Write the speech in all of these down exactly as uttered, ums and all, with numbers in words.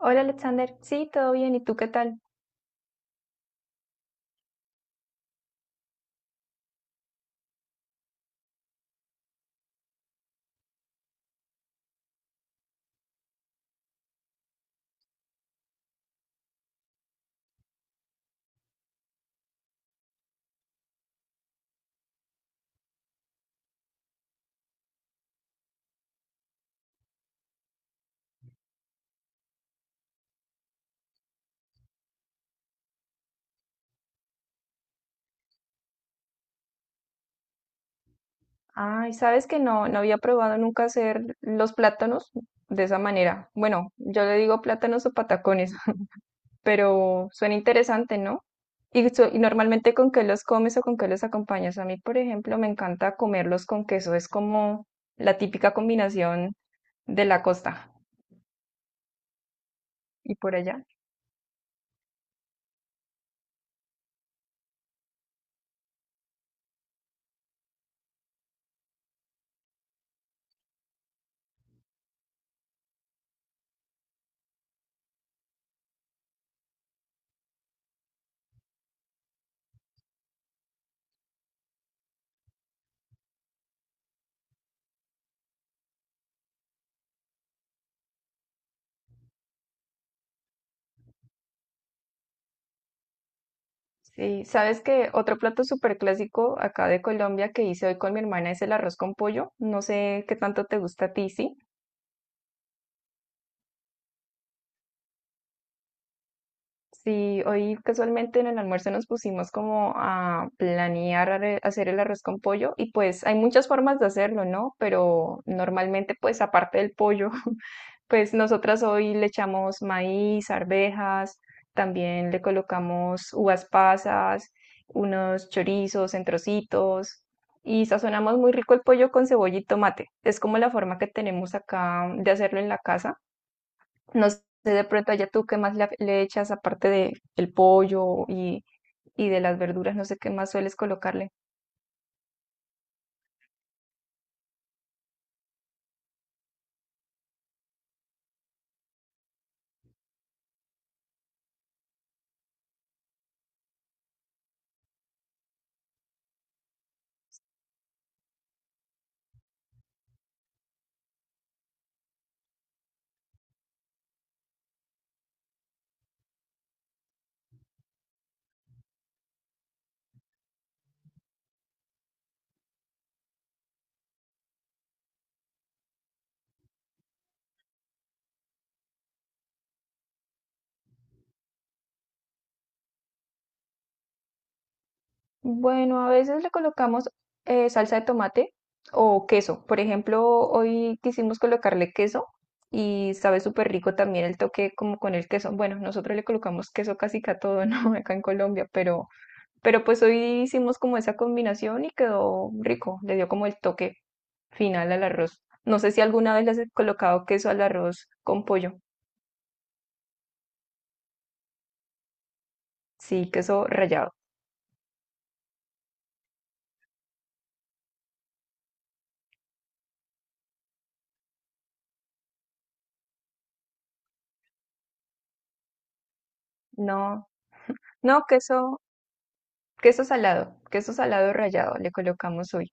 Hola Alexander, sí, todo bien, ¿y tú qué tal? Ay, sabes que no, no había probado nunca hacer los plátanos de esa manera. Bueno, yo le digo plátanos o patacones, pero suena interesante, ¿no? Y, so- y normalmente con qué los comes o con qué los acompañas. A mí, por ejemplo, me encanta comerlos con queso, es como la típica combinación de la costa y por allá. Sí, sabes que otro plato súper clásico acá de Colombia que hice hoy con mi hermana es el arroz con pollo. No sé qué tanto te gusta a ti, ¿sí? Sí, hoy casualmente en el almuerzo nos pusimos como a planear are- hacer el arroz con pollo y pues hay muchas formas de hacerlo, ¿no? Pero normalmente pues aparte del pollo, pues nosotras hoy le echamos maíz, arvejas, también le colocamos uvas pasas, unos chorizos en trocitos y sazonamos muy rico el pollo con cebolla y tomate. Es como la forma que tenemos acá de hacerlo en la casa. No sé, de pronto allá tú qué más le, le echas aparte de el pollo y, y de las verduras, no sé qué más sueles colocarle. Bueno, a veces le colocamos eh, salsa de tomate o queso. Por ejemplo, hoy quisimos colocarle queso y sabe súper rico también el toque como con el queso. Bueno, nosotros le colocamos queso casi que a todo, ¿no? Acá en Colombia, pero Pero pues hoy hicimos como esa combinación y quedó rico, le dio como el toque final al arroz. No sé si alguna vez le has colocado queso al arroz con pollo. Sí, queso rallado. No, no, queso, queso salado, queso salado rallado le colocamos hoy.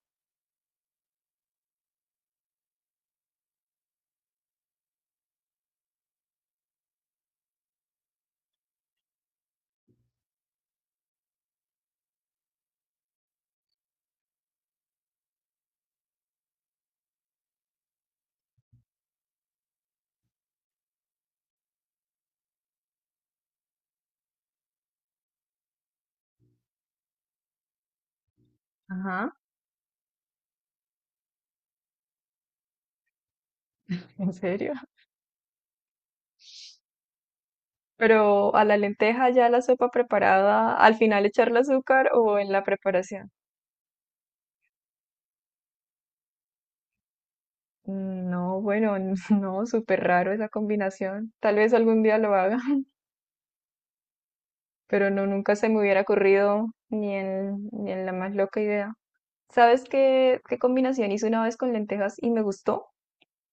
Ajá, ¿en serio? Pero a la lenteja ya la sopa preparada, al final echarle azúcar o en la preparación. Mm, No, bueno, no, súper raro esa combinación. Tal vez algún día lo haga. Pero no, nunca se me hubiera ocurrido ni en, ni en la más loca idea. ¿Sabes qué, qué combinación hice una vez con lentejas y me gustó?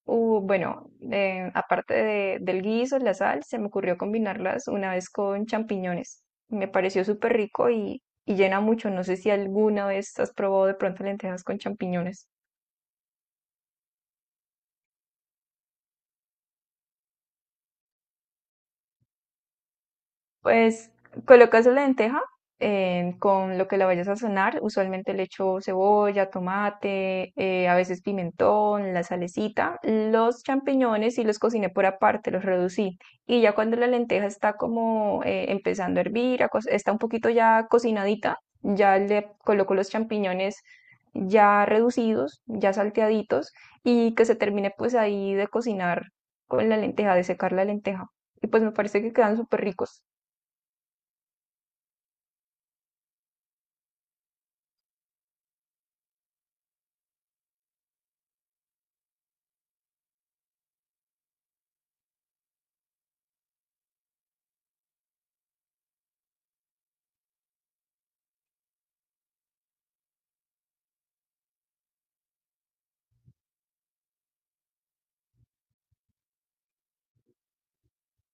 Uh, bueno, eh, aparte de- del guiso, la sal, se me ocurrió combinarlas una vez con champiñones. Me pareció súper rico y, y llena mucho. No sé si alguna vez has probado de pronto lentejas con champiñones. Pues colocas la lenteja eh, con lo que la vayas a sazonar. Usualmente le echo cebolla, tomate, eh, a veces pimentón, la salecita. Los champiñones y los cociné por aparte, los reducí. Y ya cuando la lenteja está como eh, empezando a hervir, a co- está un poquito ya cocinadita, ya le coloco los champiñones ya reducidos, ya salteaditos y que se termine pues ahí de cocinar con la lenteja, de secar la lenteja. Y pues me parece que quedan súper ricos.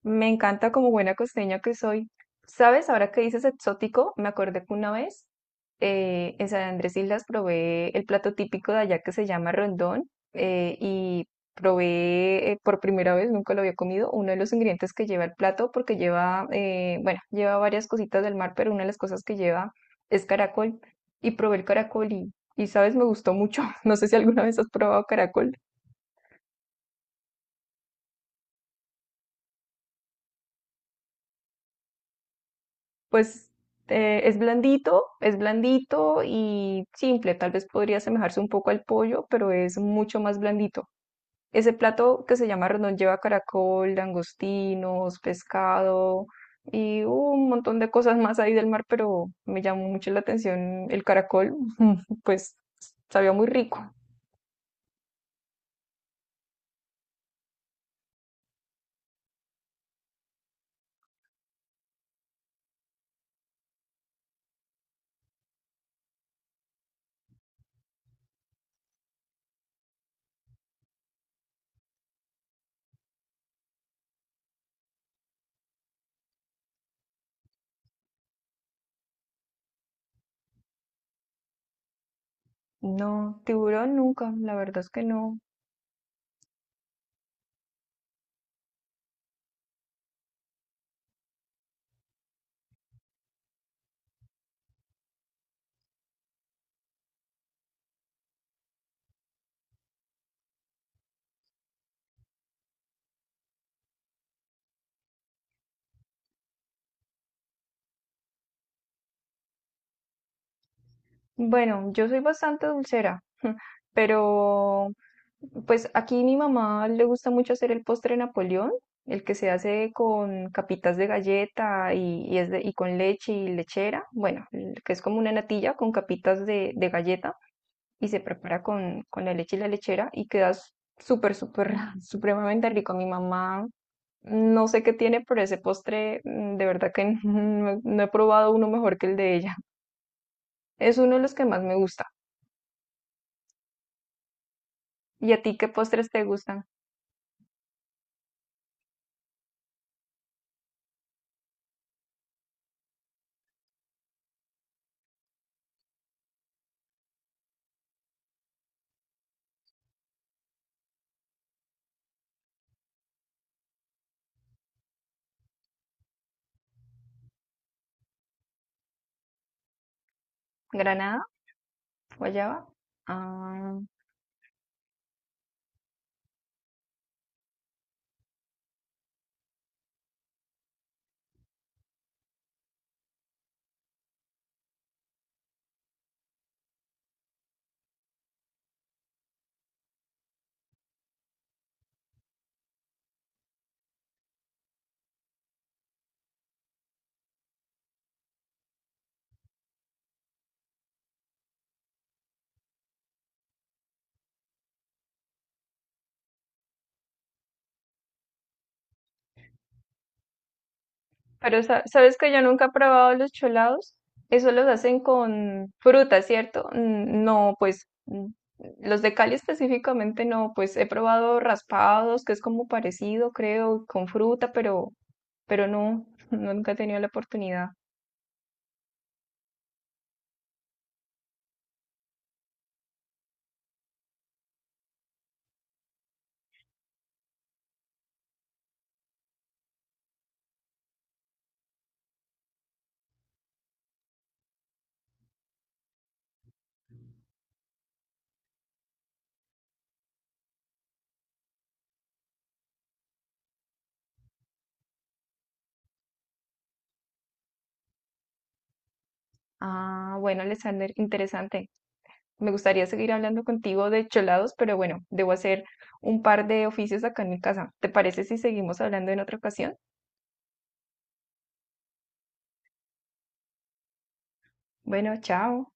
Me encanta como buena costeña que soy. ¿Sabes? Ahora que dices exótico, me acordé que una vez eh, en San Andrés Islas probé el plato típico de allá que se llama rondón eh, y probé eh, por primera vez, nunca lo había comido, uno de los ingredientes que lleva el plato porque lleva, eh, bueno, lleva varias cositas del mar, pero una de las cosas que lleva es caracol y probé el caracol y, y ¿sabes? Me gustó mucho. No sé si alguna vez has probado caracol. Pues eh, es blandito, es blandito y simple. Tal vez podría asemejarse un poco al pollo, pero es mucho más blandito. Ese plato que se llama rendón lleva caracol, langostinos, pescado y un montón de cosas más ahí del mar, pero me llamó mucho la atención el caracol, pues sabía muy rico. No, tiburón nunca, la verdad es que no. Bueno, yo soy bastante dulcera, pero pues aquí mi mamá le gusta mucho hacer el postre Napoleón, el que se hace con capitas de galleta y, y es de- y con leche y lechera, bueno, el que es como una natilla con capitas de, de galleta y se prepara con, con la leche y la lechera y queda s- súper, súper, supremamente rico. Mi mamá no sé qué tiene, pero ese postre mm, de verdad que no no he probado uno mejor que el de ella. Es uno de los que más me gusta. ¿Y a ti qué postres te gustan? ¿Granada? ¿Guayaba? Ah, pero sa- sabes que yo nunca he probado los cholados. Eso los hacen con fruta, ¿cierto? Mm. No, pues mm, los de Cali específicamente no, pues he probado raspados, que es como parecido, creo, con fruta, pero, pero no, nunca he tenido la oportunidad. Ah, bueno, Alexander, interesante. Me gustaría seguir hablando contigo de cholados, pero bueno, debo hacer un par de oficios acá en mi casa. ¿Te parece si seguimos hablando en otra ocasión? Bueno, chao.